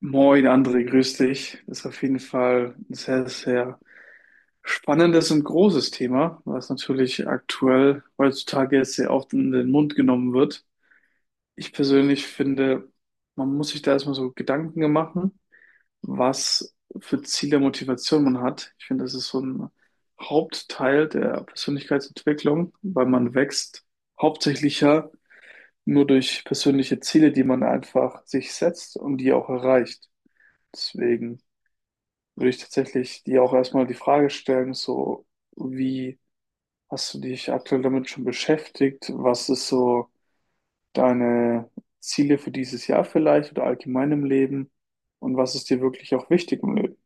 Moin André, grüß dich. Das ist auf jeden Fall ein sehr, sehr spannendes und großes Thema, was natürlich aktuell heutzutage jetzt sehr oft in den Mund genommen wird. Ich persönlich finde, man muss sich da erstmal so Gedanken machen, was für Ziele, Motivation man hat. Ich finde, das ist so ein Hauptteil der Persönlichkeitsentwicklung, weil man wächst hauptsächlich ja nur durch persönliche Ziele, die man einfach sich setzt und die auch erreicht. Deswegen würde ich tatsächlich dir auch erstmal die Frage stellen, so wie hast du dich aktuell damit schon beschäftigt? Was ist so deine Ziele für dieses Jahr vielleicht oder allgemein im Leben? Und was ist dir wirklich auch wichtig im Leben?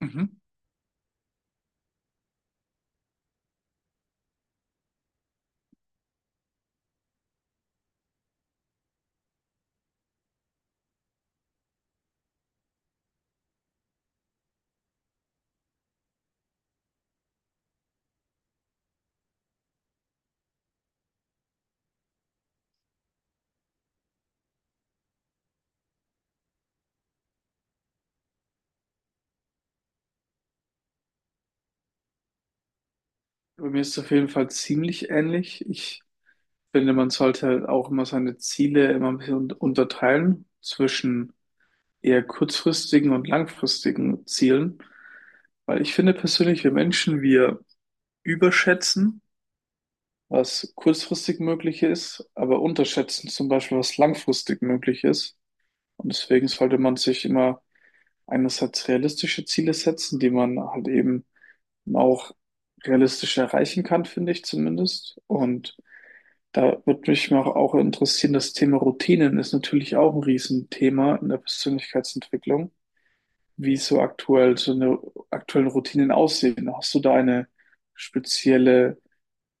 Mhm. Bei mir ist es auf jeden Fall ziemlich ähnlich. Ich finde, man sollte halt auch immer seine Ziele immer ein bisschen unterteilen zwischen eher kurzfristigen und langfristigen Zielen, weil ich finde persönlich, wir Menschen, wir überschätzen, was kurzfristig möglich ist, aber unterschätzen zum Beispiel, was langfristig möglich ist. Und deswegen sollte man sich immer einerseits realistische Ziele setzen, die man halt eben auch realistisch erreichen kann, finde ich zumindest. Und da würde mich mal auch interessieren, das Thema Routinen ist natürlich auch ein Riesenthema in der Persönlichkeitsentwicklung. Wie so aktuell so eine aktuellen Routinen aussehen. Hast du da eine spezielle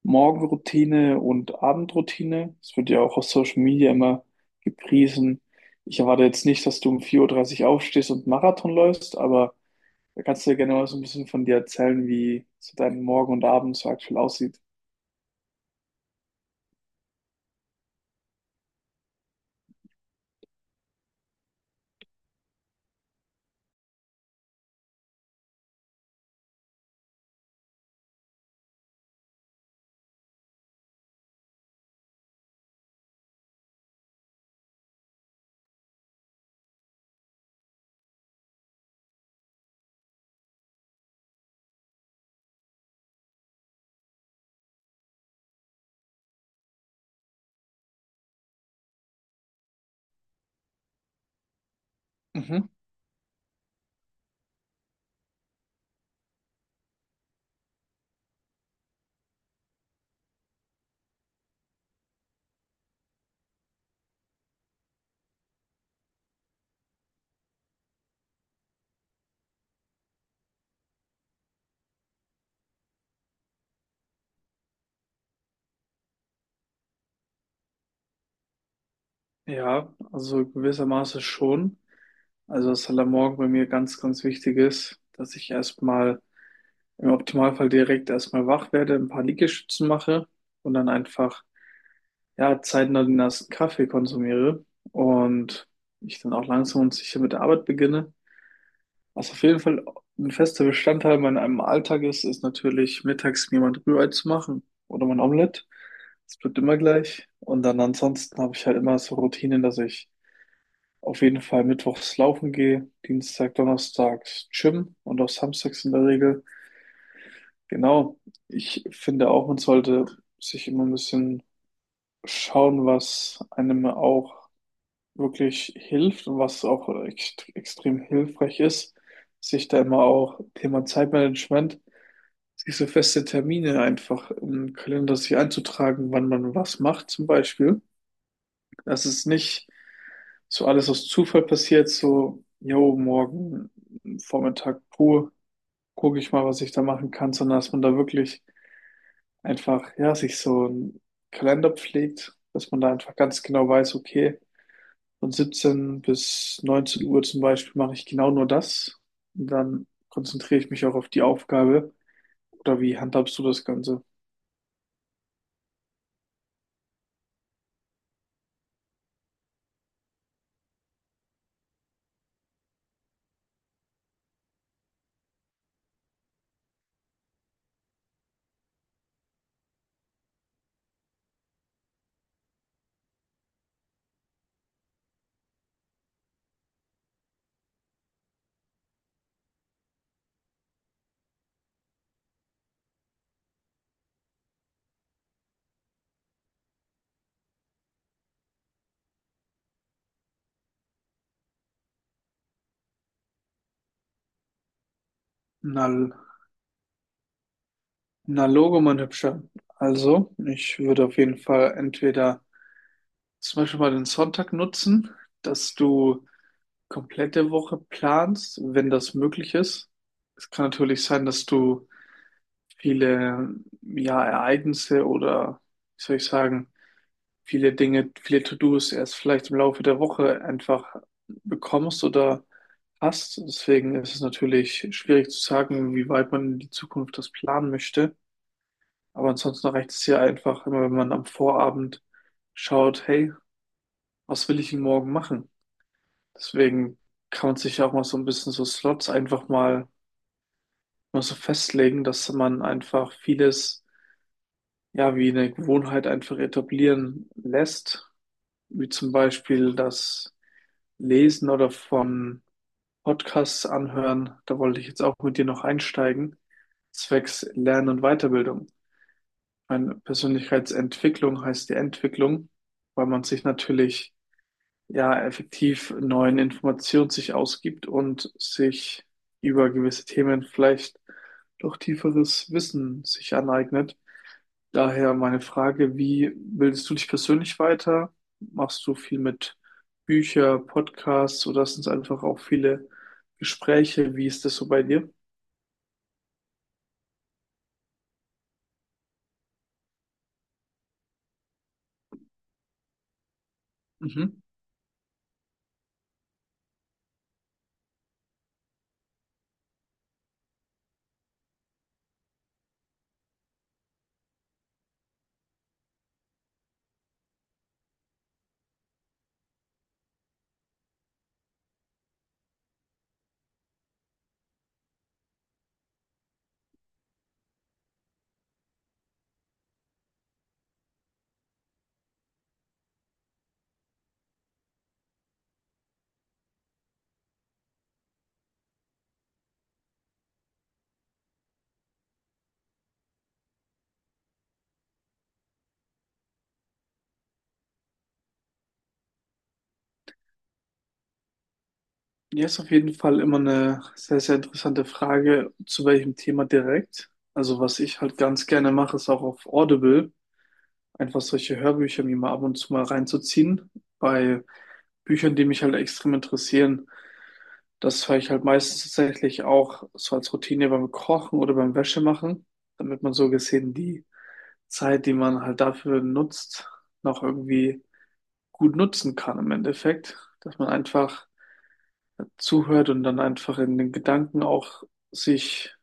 Morgenroutine und Abendroutine? Das wird ja auch auf Social Media immer gepriesen. Ich erwarte jetzt nicht, dass du um 4:30 Uhr aufstehst und Marathon läufst, aber da kannst du ja gerne mal so ein bisschen von dir erzählen, wie so dein Morgen und Abend so aktuell aussieht. Mhm. Ja, also gewissermaßen schon. Also was halt am Morgen bei mir ganz, ganz wichtig ist, dass ich erstmal im Optimalfall direkt erstmal wach werde, ein paar Liegestützen mache und dann einfach ja, zeitnah den ersten Kaffee konsumiere und ich dann auch langsam und sicher mit der Arbeit beginne. Was auf jeden Fall ein fester Bestandteil in meinem Alltag ist, ist natürlich mittags mir mal ein Rührei zu machen oder mein Omelett. Das bleibt immer gleich. Und dann ansonsten habe ich halt immer so Routinen, dass ich auf jeden Fall mittwochs laufen gehe, Dienstag, Donnerstags Gym und auch samstags in der Regel. Genau. Ich finde auch, man sollte sich immer ein bisschen schauen, was einem auch wirklich hilft und was auch extrem hilfreich ist, sich da immer auch Thema Zeitmanagement, sich so feste Termine einfach im Kalender sich einzutragen, wann man was macht zum Beispiel. Dass es nicht so alles aus Zufall passiert, so, jo, morgen Vormittag pur, gucke ich mal, was ich da machen kann, sondern dass man da wirklich einfach, ja, sich so einen Kalender pflegt, dass man da einfach ganz genau weiß, okay, von 17 bis 19 Uhr zum Beispiel mache ich genau nur das. Und dann konzentriere ich mich auch auf die Aufgabe. Oder wie handhabst du das Ganze? Na, na Logo, mein Hübscher. Also, ich würde auf jeden Fall entweder zum Beispiel mal den Sonntag nutzen, dass du komplette Woche planst, wenn das möglich ist. Es kann natürlich sein, dass du viele, ja, Ereignisse oder, wie soll ich sagen, viele Dinge, viele To-Dos erst vielleicht im Laufe der Woche einfach bekommst oder hast. Deswegen ist es natürlich schwierig zu sagen, wie weit man in die Zukunft das planen möchte. Aber ansonsten reicht es ja einfach immer, wenn man am Vorabend schaut, hey, was will ich denn morgen machen? Deswegen kann man sich ja auch mal so ein bisschen so Slots einfach mal so festlegen, dass man einfach vieles, ja, wie eine Gewohnheit einfach etablieren lässt. Wie zum Beispiel, dass Lesen oder von Podcasts anhören. Da wollte ich jetzt auch mit dir noch einsteigen. Zwecks Lernen und Weiterbildung. Meine Persönlichkeitsentwicklung heißt die Entwicklung, weil man sich natürlich ja effektiv neuen Informationen sich ausgibt und sich über gewisse Themen vielleicht doch tieferes Wissen sich aneignet. Daher meine Frage, wie bildest du dich persönlich weiter? Machst du viel mit Bücher, Podcasts oder sind es einfach auch viele Gespräche? Wie ist das so bei dir? Mhm. Ja, ist auf jeden Fall immer eine sehr, sehr interessante Frage, zu welchem Thema direkt. Also was ich halt ganz gerne mache, ist auch auf Audible einfach solche Hörbücher mir mal ab und zu mal reinzuziehen bei Büchern, die mich halt extrem interessieren. Das höre ich halt meistens tatsächlich auch so als Routine beim Kochen oder beim Wäschemachen, damit man so gesehen die Zeit, die man halt dafür nutzt, noch irgendwie gut nutzen kann im Endeffekt, dass man einfach zuhört und dann einfach in den Gedanken auch sich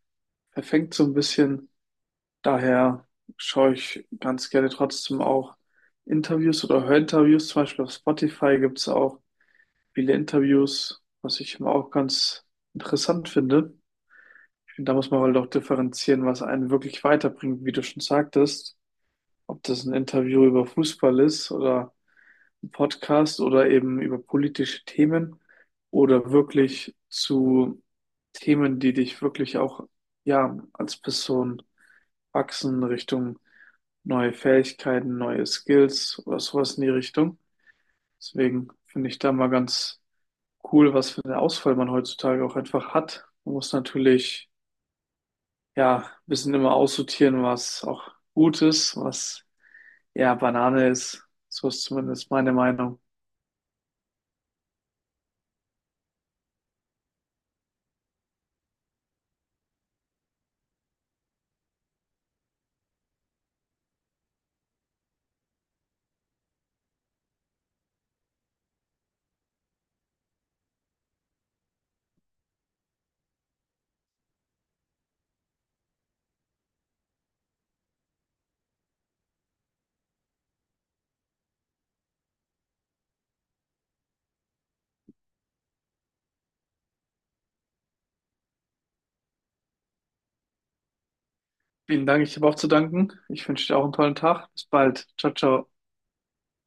verfängt so ein bisschen. Daher schaue ich ganz gerne trotzdem auch Interviews oder höre Interviews. Zum Beispiel auf Spotify gibt es auch viele Interviews, was ich immer auch ganz interessant finde. Da muss man halt auch differenzieren, was einen wirklich weiterbringt, wie du schon sagtest. Ob das ein Interview über Fußball ist oder ein Podcast oder eben über politische Themen oder wirklich zu Themen, die dich wirklich auch, ja, als Person wachsen Richtung neue Fähigkeiten, neue Skills oder sowas in die Richtung. Deswegen finde ich da mal ganz cool, was für eine Auswahl man heutzutage auch einfach hat. Man muss natürlich ja, müssen immer aussortieren, was auch gut ist, was eher Banane ist. So ist zumindest meine Meinung. Vielen Dank, ich habe auch zu danken. Ich wünsche dir auch einen tollen Tag. Bis bald. Ciao, ciao.